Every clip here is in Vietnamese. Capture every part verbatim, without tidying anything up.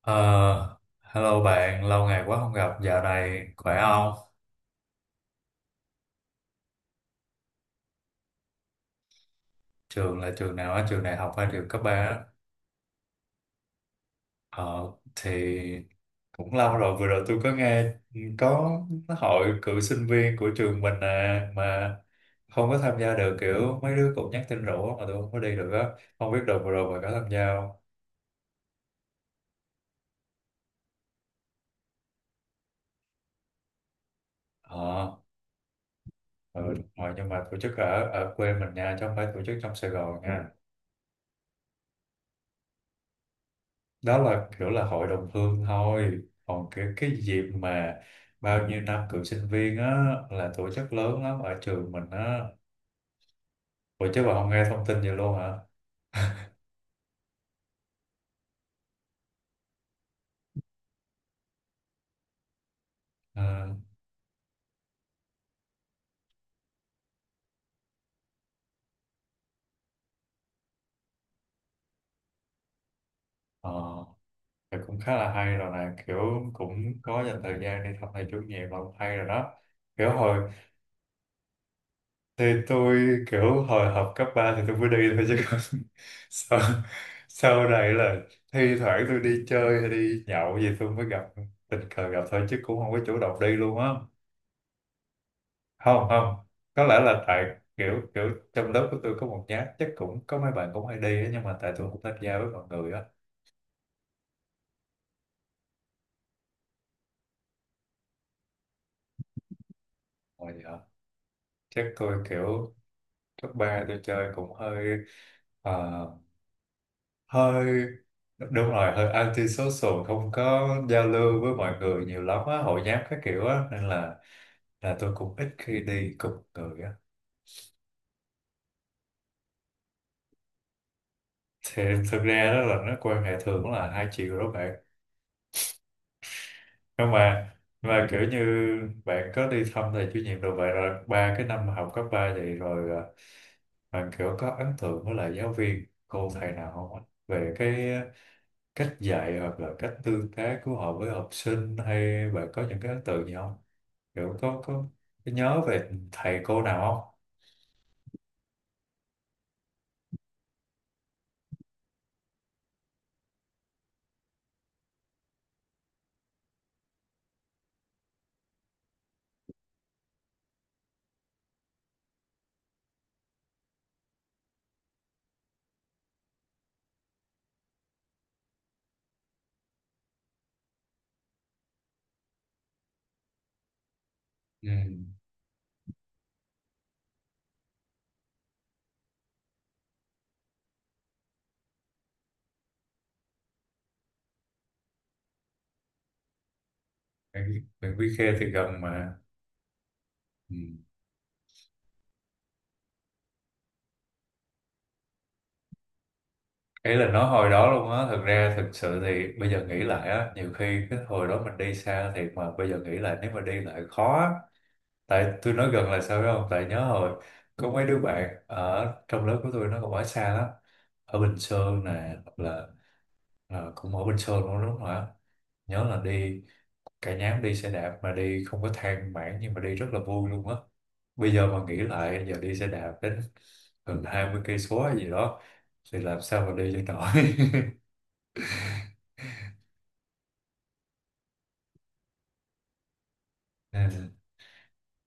Ờ, Hello bạn, lâu ngày quá không gặp. Dạo này khỏe không? Trường là trường nào á? Trường đại học hay trường cấp ba á? Ờ, thì cũng lâu rồi. Vừa rồi tôi có nghe có hội cựu sinh viên của trường mình, à, mà không có tham gia được. Kiểu mấy đứa cũng nhắn tin rủ mà tôi không có đi được á. Không biết đợt vừa rồi bạn có tham gia không? Ờ, ừ, đúng rồi, nhưng mà tổ chức ở ở quê mình nha, chứ không phải tổ chức trong Sài Gòn nha. Đó là kiểu là hội đồng hương thôi, còn cái cái dịp mà bao nhiêu năm cựu sinh viên á là tổ chức lớn lắm ở trường mình á. Ủa chứ bà không nghe thông tin vậy luôn hả? À, ờ thì cũng khá là hay rồi nè, kiểu cũng có dành thời gian đi thăm thầy chủ nhiệm là cũng hay rồi đó. Kiểu hồi thì tôi kiểu hồi học cấp ba thì tôi mới đi thôi chứ còn sau sau này là thi thoảng tôi đi chơi hay đi nhậu gì tôi mới gặp, tình cờ gặp thôi chứ cũng không có chủ động đi luôn á. Không, không, có lẽ là tại kiểu kiểu trong lớp của tôi có một nhát chắc cũng có mấy bạn cũng hay đi á, nhưng mà tại tôi không tham gia với mọi người á. Rồi, dạ. Chắc tôi kiểu cấp ba tôi chơi cũng hơi, ờ, hơi, đúng rồi, hơi anti social, không có giao lưu với mọi người nhiều lắm á, hội nhóm các kiểu á, nên là là tôi cũng ít khi đi cùng người á. Thì thực ra đó là nó quan hệ thường là hai chiều đó bạn. Nhưng mà mà kiểu như bạn có đi thăm thầy chủ nhiệm rồi, vậy rồi ba cái năm học cấp ba vậy rồi, à, bạn kiểu có ấn tượng với lại giáo viên cô thầy nào không ạ? Về cái cách dạy hoặc là cách tương tác của họ với học sinh, hay bạn có những cái ấn tượng gì không, kiểu có có, có nhớ về thầy cô nào không? Ừ. bạn, bạn Quý Khê thì gần mà. Ừ. Ý là nói hồi đó luôn á, thực ra thực sự thì bây giờ nghĩ lại á, nhiều khi cái hồi đó mình đi xa thiệt mà bây giờ nghĩ lại nếu mà đi lại khó á. Tại tôi nói gần là sao biết không, tại nhớ hồi có mấy đứa bạn ở trong lớp của tôi nó còn ở xa lắm, ở Bình Sơn nè hoặc là, à, cũng ở Bình Sơn luôn đúng không ạ. Nhớ là đi cả nhóm đi xe đạp mà đi không có than vãn, nhưng mà đi rất là vui luôn á. Bây giờ mà nghĩ lại giờ đi xe đạp đến gần hai mươi cây số hay gì đó thì làm sao mà đi cho nổi. Ừ.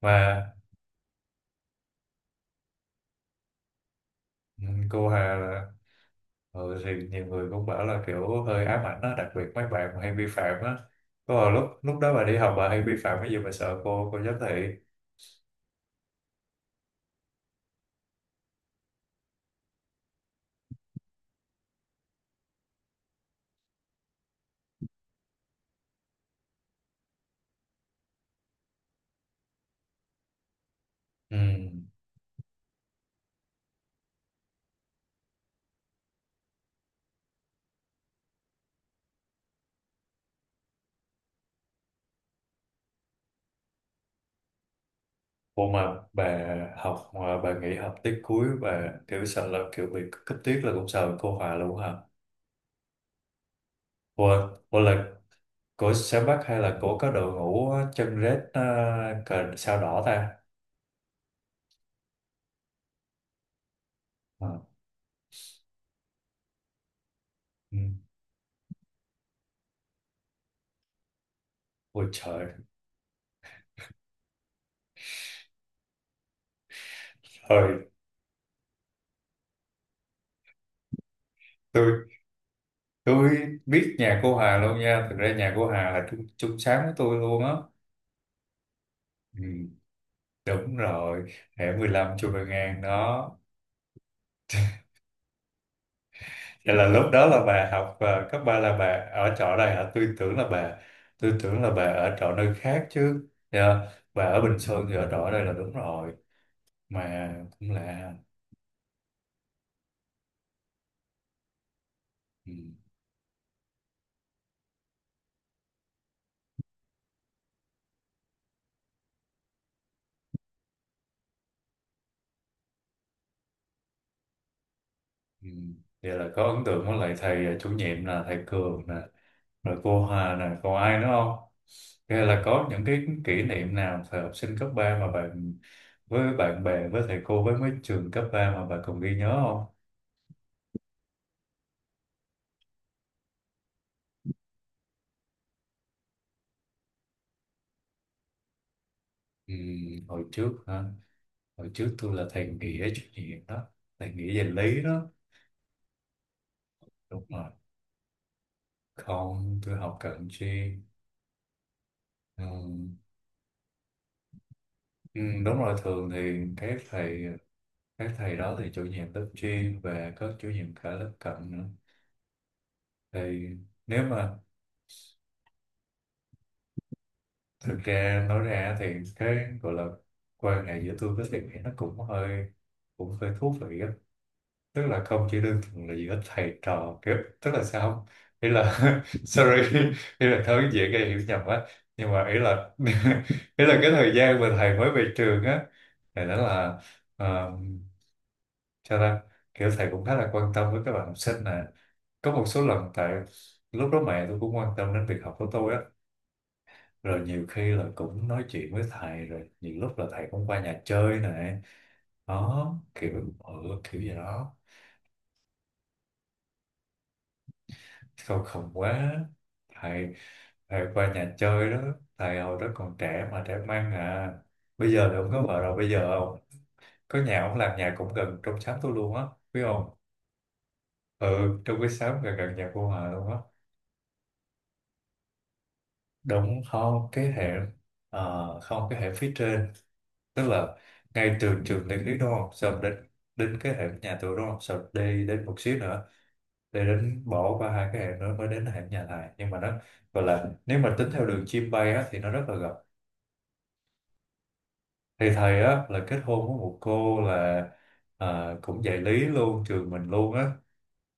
Mà, ừ, cô Hà. Ừ, thì nhiều người cũng bảo là kiểu hơi ám ảnh á, đặc biệt mấy bạn mà hay vi phạm á. Có hồi lúc lúc đó bà đi học bà hay vi phạm cái gì mà sợ cô cô giám thị? Ừ. Cô mà bà học mà bà nghỉ học tiết cuối bà kiểu sợ là kiểu bị cấp tiết là cũng sợ cô Hòa luôn hả? Ủa, ủa, là của Sáng Bắc hay là của có đội ngũ chân rết, uh, cờ sao đỏ ta? Ờ. Ừ. Ôi trời, trời, tôi tôi biết nhà cô Hà luôn nha. Thực ra nhà cô Hà là chung, chung sáng với tôi luôn á. Ừ. Đúng rồi, hẻm mười lăm Chu Văn An đó. Vậy là lúc đó là bà học, ờ, cấp ba là bà ở trọ đây hả? Tôi tưởng là bà tôi tưởng là bà ở trọ nơi khác chứ. Dạ. Bà ở Bình Sơn thì ở trọ ở đây là đúng rồi. Mà cũng là, ừ, ừ. Vậy là có ấn tượng với lại thầy, ờ, chủ nhiệm là thầy Cường nè, rồi cô Hà nè, còn ai nữa không? Hay là có những cái kỷ niệm nào thời học sinh cấp ba mà bạn với bạn bè, với thầy cô, với mấy trường cấp ba mà bạn còn ghi nhớ không? Ừ, hồi trước hả? Hồi trước tôi là thầy Nghĩa chủ nhiệm đó, thầy Nghĩa về lý đó. Đúng rồi. Không, tôi học cận chuyên. Ừ, ừ, đúng rồi, thường thì các thầy các thầy đó thì chủ nhiệm lớp chuyên và có chủ nhiệm cả lớp cận nữa. Thì nếu mà thực ra nói ra thì cái gọi là quan hệ giữa tôi với thầy Nghĩa nó cũng hơi cũng hơi thú vị á. Tức là không chỉ đơn thuần là giữa thầy trò kiểu, tức là sao không, ý là sorry, ý là thôi dễ gây hiểu nhầm á, nhưng mà ý là ý là cái thời gian mà thầy mới về trường á, thì đó là, ờ, cho ra kiểu thầy cũng khá là quan tâm với các bạn học sinh nè, có một số lần tại lúc đó mẹ tôi cũng quan tâm đến việc học của tôi á, rồi nhiều khi là cũng nói chuyện với thầy, rồi nhiều lúc là thầy cũng qua nhà chơi nè, đó kiểu, ừ, kiểu gì đó. Không khổng quá, thầy thầy qua nhà chơi đó, thầy hồi đó còn trẻ mà, trẻ mang à. Bây giờ thì ông có vợ rồi, bây giờ ông có nhà, ông làm nhà cũng gần trong xóm tôi luôn á, biết không. Ừ, trong cái xóm gần gần nhà cô Hòa luôn á. Đúng không, cái hệ, ờ, không, cái hệ phía trên. Tức là ngay từ trường Nguyễn lý thuyết đúng không, xong đến đến cái hệ nhà tôi đúng không, xong đi đến một xíu nữa, để đến bỏ qua hai cái hệ nữa mới đến hệ nhà thầy, nhưng mà nó gọi là nếu mà tính theo đường chim bay á thì nó rất là gần. Thì thầy á là kết hôn với một cô là, à, cũng dạy lý luôn trường mình luôn á.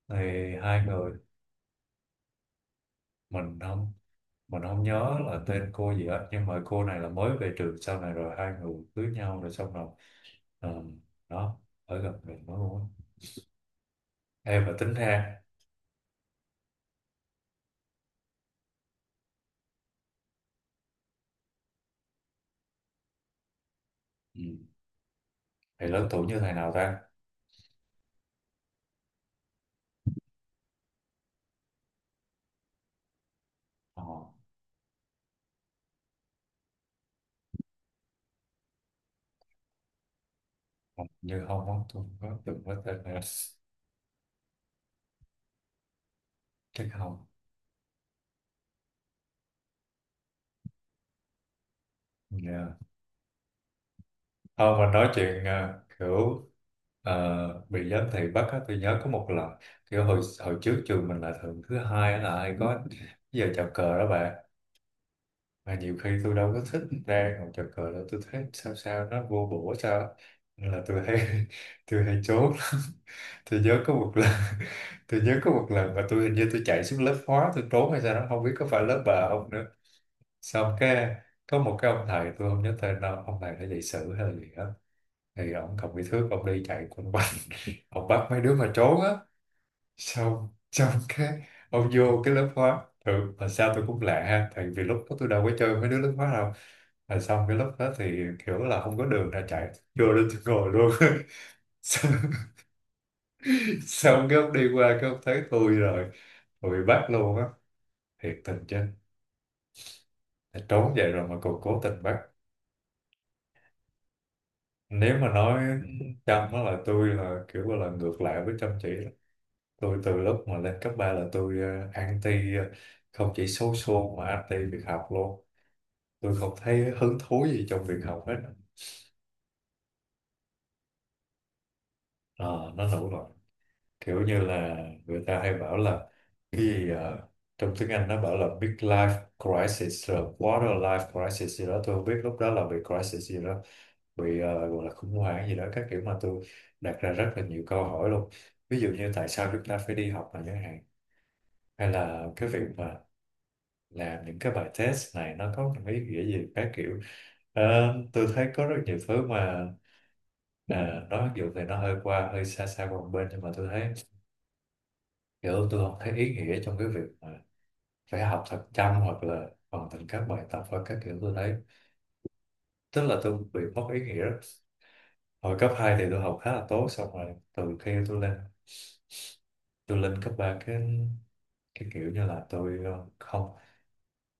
Thì hai người, mình không mình không nhớ là tên cô gì á, nhưng mà cô này là mới về trường sau này, rồi hai người cưới nhau rồi, xong rồi, ờ, đó, ở gần mình mới luôn á. Em là tính ra. Ừ. Thì lớn tuổi như thầy nào ta. ờ, Hình như không á, tôi không có từng có tên này, chắc không. Dạ. Không, mà nói chuyện, ờ, kiểu, ờ, bị giám thị bắt á, tôi nhớ có một lần. Kiểu hồi hồi trước trường mình là thường thứ hai á là hay có giờ chào cờ đó bạn. Mà nhiều khi tôi đâu có thích ra còn chào cờ đó, tôi thấy sao sao nó vô bổ sao á. Nên là tôi hay tôi hay trốn. Tôi nhớ có một lần tôi nhớ có một lần mà tôi hình như tôi chạy xuống lớp hóa tôi trốn hay sao đó, không biết có phải lớp bà không nữa. Xong cái có một cái ông thầy, tôi không nhớ tên đâu, ông thầy đã dạy sử hay là gì đó, thì ổng cầm cái thước, ông đi chạy quanh quanh ông bắt mấy đứa mà trốn á. Xong xong cái ông vô cái lớp hóa thường, mà sao tôi cũng lạ ha, tại vì lúc đó tôi đâu có chơi mấy đứa lớp hóa đâu. Rồi xong cái lúc đó thì kiểu là không có đường ra chạy, vô lên tôi ngồi luôn. xong, xong cái ông đi qua, cái ông thấy tôi rồi, rồi bị bắt luôn á, thiệt tình chứ, trốn vậy rồi mà còn cố tình bắt. Nếu mà nói Trâm á là tôi là kiểu là ngược lại với chăm chỉ. Tôi từ lúc mà lên cấp ba là tôi, ờ, anti, ờ, không chỉ số xô mà anti việc học luôn, tôi không thấy hứng thú gì trong việc học hết. Ờ, nó nổ rồi, kiểu như là người ta hay bảo là cái gì, ờ, trong tiếng Anh nó bảo là big life crisis rồi quarter life crisis gì đó, tôi không biết lúc đó là bị crisis gì đó, bị, ờ, gọi là khủng hoảng gì đó các kiểu, mà tôi đặt ra rất là nhiều câu hỏi luôn. Ví dụ như tại sao chúng ta phải đi học mà, chẳng hạn, hay là cái việc mà làm những cái bài test này nó có một cái ý nghĩa gì các kiểu. Ờ, tôi thấy có rất nhiều thứ mà, à, nó mặc dù thì nó hơi qua hơi xa xa qua một bên, nhưng mà tôi thấy kiểu tôi không thấy ý nghĩa trong cái việc mà phải học thật chăm hoặc là hoàn thành các bài tập hoặc các kiểu, tôi thấy tức là tôi bị mất ý nghĩa đó. Hồi cấp hai thì tôi học khá là tốt, xong rồi từ khi tôi lên, tôi lên cấp ba cái cái kiểu như là tôi, ờ, không,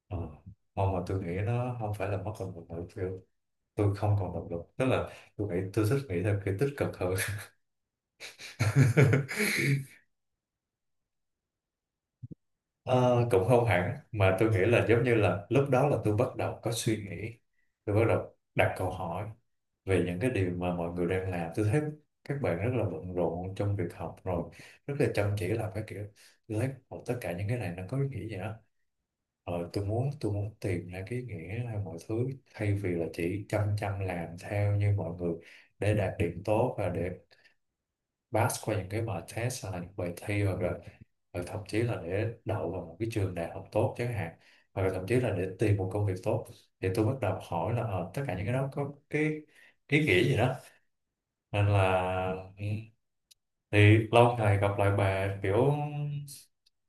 ờ, mong mà tôi nghĩ nó không phải là mất động lực nữa, tôi không còn động lực, tức là tôi nghĩ tôi thích nghĩ theo kiểu tích cực hơn. Ờ, cũng không hẳn, mà tôi nghĩ là giống như là lúc đó là tôi bắt đầu có suy nghĩ, tôi bắt đầu đặt câu hỏi về những cái điều mà mọi người đang làm. Tôi thấy các bạn rất là bận rộn trong việc học, rồi rất là chăm chỉ làm cái kiểu, tôi thấy "Ồ, tất cả những cái này nó có ý nghĩa gì đó, ờ, tôi muốn tôi muốn tìm ra cái ý nghĩa hay mọi thứ, thay vì là chỉ chăm chăm làm theo như mọi người để đạt điểm tốt và để pass qua những cái bài test hay là những bài thi, hoặc là hoặc thậm chí là để đậu vào một cái trường đại học tốt chẳng hạn, hoặc là thậm chí là để tìm một công việc tốt." Thì tôi bắt đầu hỏi là, ờ, tất cả những cái đó có cái ý nghĩa gì đó, nên là, ừ, thì lâu ngày gặp lại bà, kiểu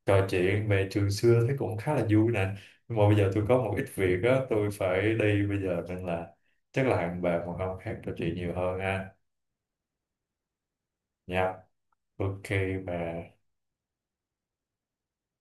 trò chuyện về trường xưa thấy cũng khá là vui nè, nhưng mà bây giờ tôi có một ít việc á, tôi phải đi bây giờ, nên là chắc là hẹn bà một hôm khác trò chuyện nhiều hơn ha. Nha. Ok bà.